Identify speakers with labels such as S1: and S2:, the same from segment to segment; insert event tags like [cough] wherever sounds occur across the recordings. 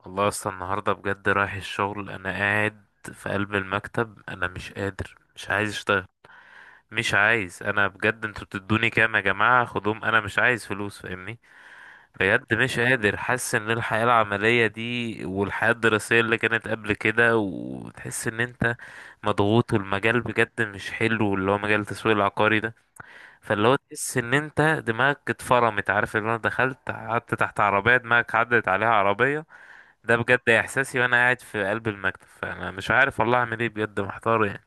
S1: والله اصلا النهارده بجد رايح الشغل. انا قاعد في قلب المكتب، انا مش قادر، مش عايز اشتغل، مش عايز. انا بجد، انتوا بتدوني كام يا جماعه؟ خدوهم، انا مش عايز فلوس فاهمني. بجد مش قادر، حاسس ان الحياه العمليه دي والحياه الدراسيه اللي كانت قبل كده، وتحس ان انت مضغوط. والمجال بجد مش حلو، اللي هو مجال التسويق العقاري ده. فاللي هو تحس ان انت دماغك اتفرمت، عارف اللي انا دخلت قعدت تحت عربيه، دماغك عدت عليها عربيه. ده بجد احساسي وانا قاعد في قلب المكتب. فانا مش عارف والله اعمل ايه، بجد محتار يعني.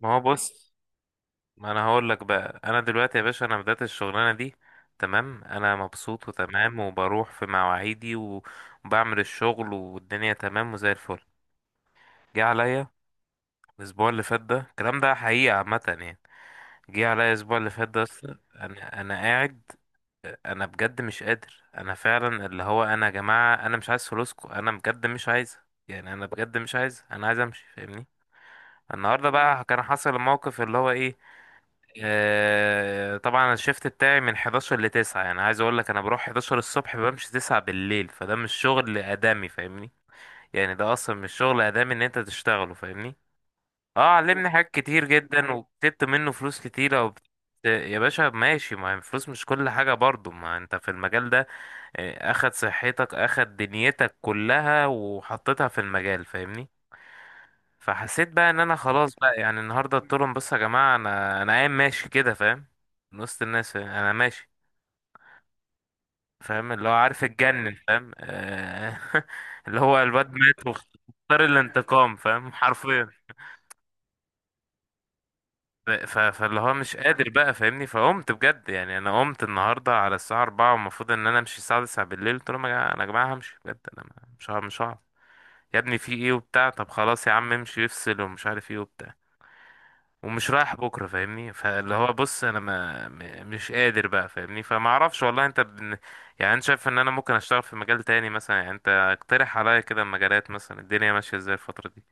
S1: ما هو بص، ما انا هقول لك بقى، انا دلوقتي يا باشا انا بدأت الشغلانه دي تمام، انا مبسوط وتمام، وبروح في مواعيدي وبعمل الشغل، والدنيا تمام وزي الفل. جه عليا الاسبوع اللي فات ده، الكلام ده حقيقه عامه يعني. جه عليا الاسبوع اللي فات ده اصلا، انا قاعد، انا بجد مش قادر. انا فعلا اللي هو، انا يا جماعه انا مش عايز فلوسكم، انا بجد مش عايز يعني. انا بجد مش عايز، انا عايز امشي فاهمني. النهارده بقى كان حصل الموقف اللي هو ايه. آه، طبعا الشيفت بتاعي من 11 ل 9، يعني عايز اقول لك انا بروح 11 الصبح بمشي 9 بالليل، فده مش شغل ادمي فاهمني. يعني ده اصلا مش شغل ادمي ان انت تشتغله فاهمني. اه، علمني حاجات كتير جدا، وكتبت منه فلوس كتيره يا باشا ماشي. ما هي الفلوس مش كل حاجه برضو، ما انت في المجال ده يعني اخد صحتك، اخد دنيتك كلها وحطيتها في المجال فاهمني. فحسيت بقى ان انا خلاص بقى يعني، النهارده قلت لهم بصوا يا جماعه، انا انا قايم ماشي كده فاهم، من وسط الناس فاهم؟ انا ماشي فاهم، اللي هو عارف اتجنن فاهم، [laughs] اللي هو الواد مات واختار الانتقام، فاهم حرفيا. فاللي هو مش قادر بقى فاهمني. فقمت بجد يعني، انا قمت النهارده على الساعه 4، والمفروض ان انا امشي الساعه 9 بالليل، قلت لهم يا جماعه انا، يا جماعه همشي بجد، انا مش هعرف. يا ابني في ايه وبتاع، طب خلاص يا عم امشي افصل ومش عارف ايه وبتاع، ومش رايح بكره فاهمني. فاللي هو بص، انا ما م- مش قادر بقى فاهمني. فما اعرفش والله، يعني انت شايف ان انا ممكن اشتغل في مجال تاني مثلا؟ يعني انت اقترح عليا كده مجالات، مثلا الدنيا ماشيه ازاي الفتره دي؟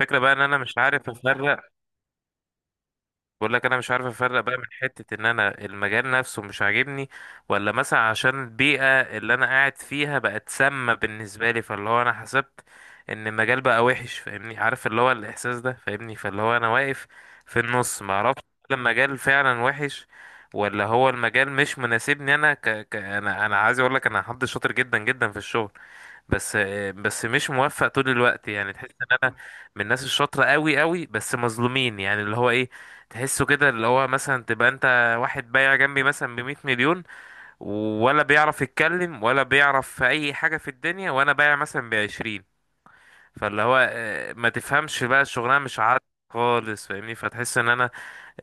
S1: الفكره بقى ان انا مش عارف افرق. بقول لك انا مش عارف افرق بقى، من حتة ان انا المجال نفسه مش عاجبني، ولا مثلا عشان البيئة اللي انا قاعد فيها بقت سامة بالنسبة لي. فاللي هو انا حسبت ان المجال بقى وحش فاهمني، عارف اللي هو الاحساس ده فاهمني. فاللي هو انا واقف في النص ما اعرفش، هل المجال فعلا وحش، ولا هو المجال مش مناسبني؟ انا انا عايز اقول لك، انا حد شاطر جدا جدا في الشغل، بس بس مش موفق طول الوقت. يعني تحس ان انا من الناس الشاطره قوي قوي، بس مظلومين. يعني اللي هو ايه، تحسه كده اللي هو مثلا، تبقى انت واحد بايع جنبي مثلا ب 100 مليون، ولا بيعرف يتكلم ولا بيعرف في اي حاجه في الدنيا، وانا بايع مثلا ب 20. فاللي هو ما تفهمش بقى الشغلانه مش عاد خالص فاهمني. فتحس ان انا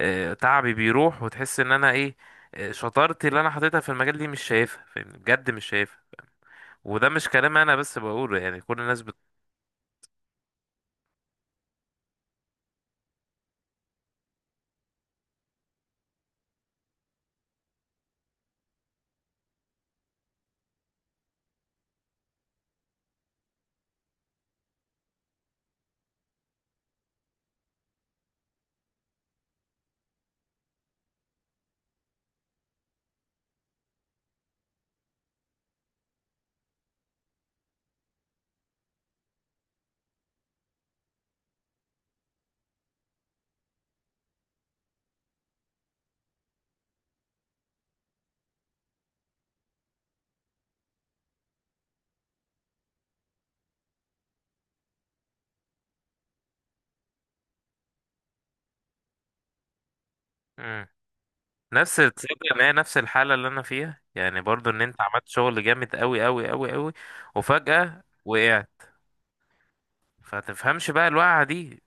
S1: تعبي بيروح، وتحس ان انا ايه، شطارتي اللي انا حطيتها في المجال دي مش شايفها فاهمني، بجد مش شايفها. وده مش كلام انا بس بقوله، يعني كل الناس. مم. نفس، تصدق ان هي نفس الحالة اللي انا فيها يعني؟ برضو ان انت عملت شغل جامد قوي قوي قوي قوي، وفجأة وقعت. فتفهمش بقى الوقعة دي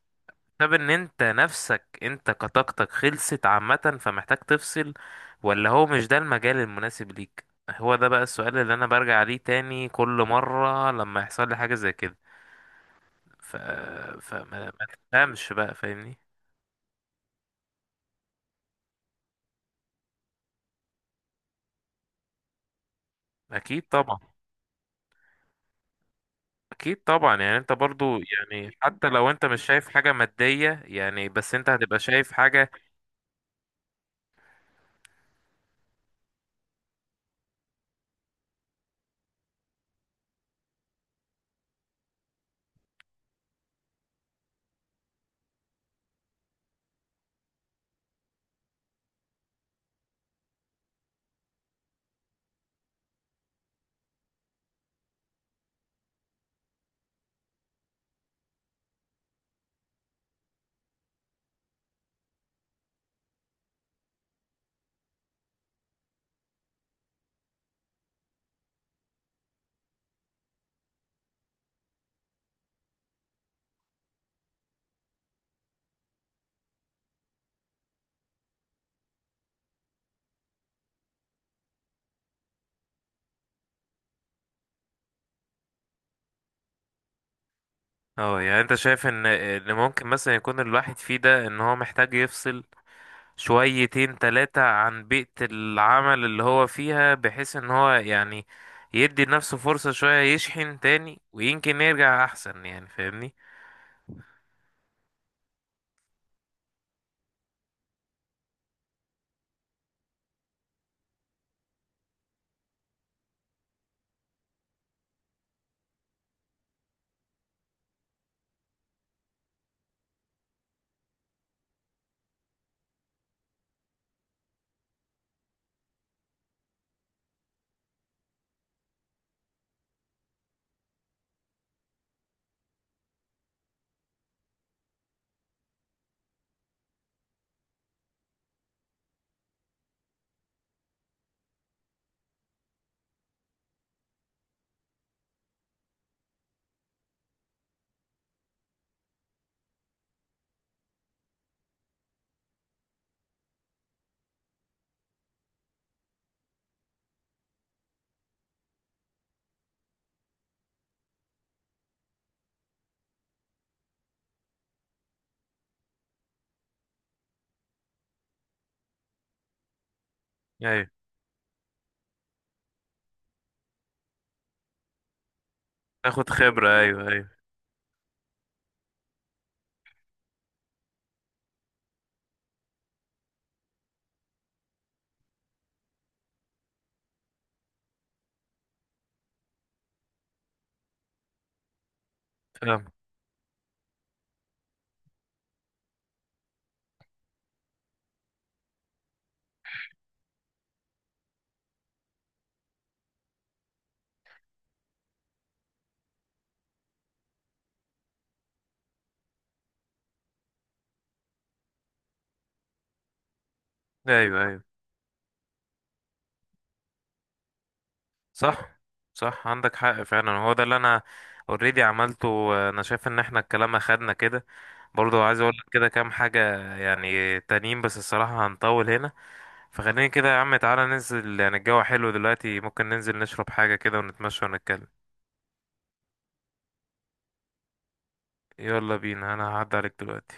S1: بسبب ان انت نفسك، انت كطاقتك خلصت عامة فمحتاج تفصل، ولا هو مش ده المجال المناسب ليك. هو ده بقى السؤال اللي انا برجع ليه تاني كل مرة لما يحصل لي حاجة زي كده. ف... فما ما تفهمش بقى فاهمني. اكيد طبعا. اكيد طبعا، يعني انت برضو يعني، حتى لو انت مش شايف حاجة مادية يعني، بس انت هتبقى شايف حاجة. اه، يعني انت شايف ان ممكن مثلا يكون الواحد فيه ده ان هو محتاج يفصل شويتين تلاتة عن بيئة العمل اللي هو فيها، بحيث ان هو يعني يدي لنفسه فرصة شوية، يشحن تاني ويمكن يرجع احسن يعني فاهمني. ايوه، تاخد خبرة، ايوه ايوه فاهم، ايوه ايوه صح. صح عندك حق فعلا، هو ده اللي انا اوريدي عملته. انا شايف ان احنا الكلام اخدنا كده، برضو عايز اقول لك كده كام حاجة يعني تانيين، بس الصراحة هنطول هنا. فخليني كده يا عم، تعالى ننزل، يعني الجو حلو دلوقتي، ممكن ننزل نشرب حاجة كده ونتمشى ونتكلم. يلا بينا، انا هعدي عليك دلوقتي.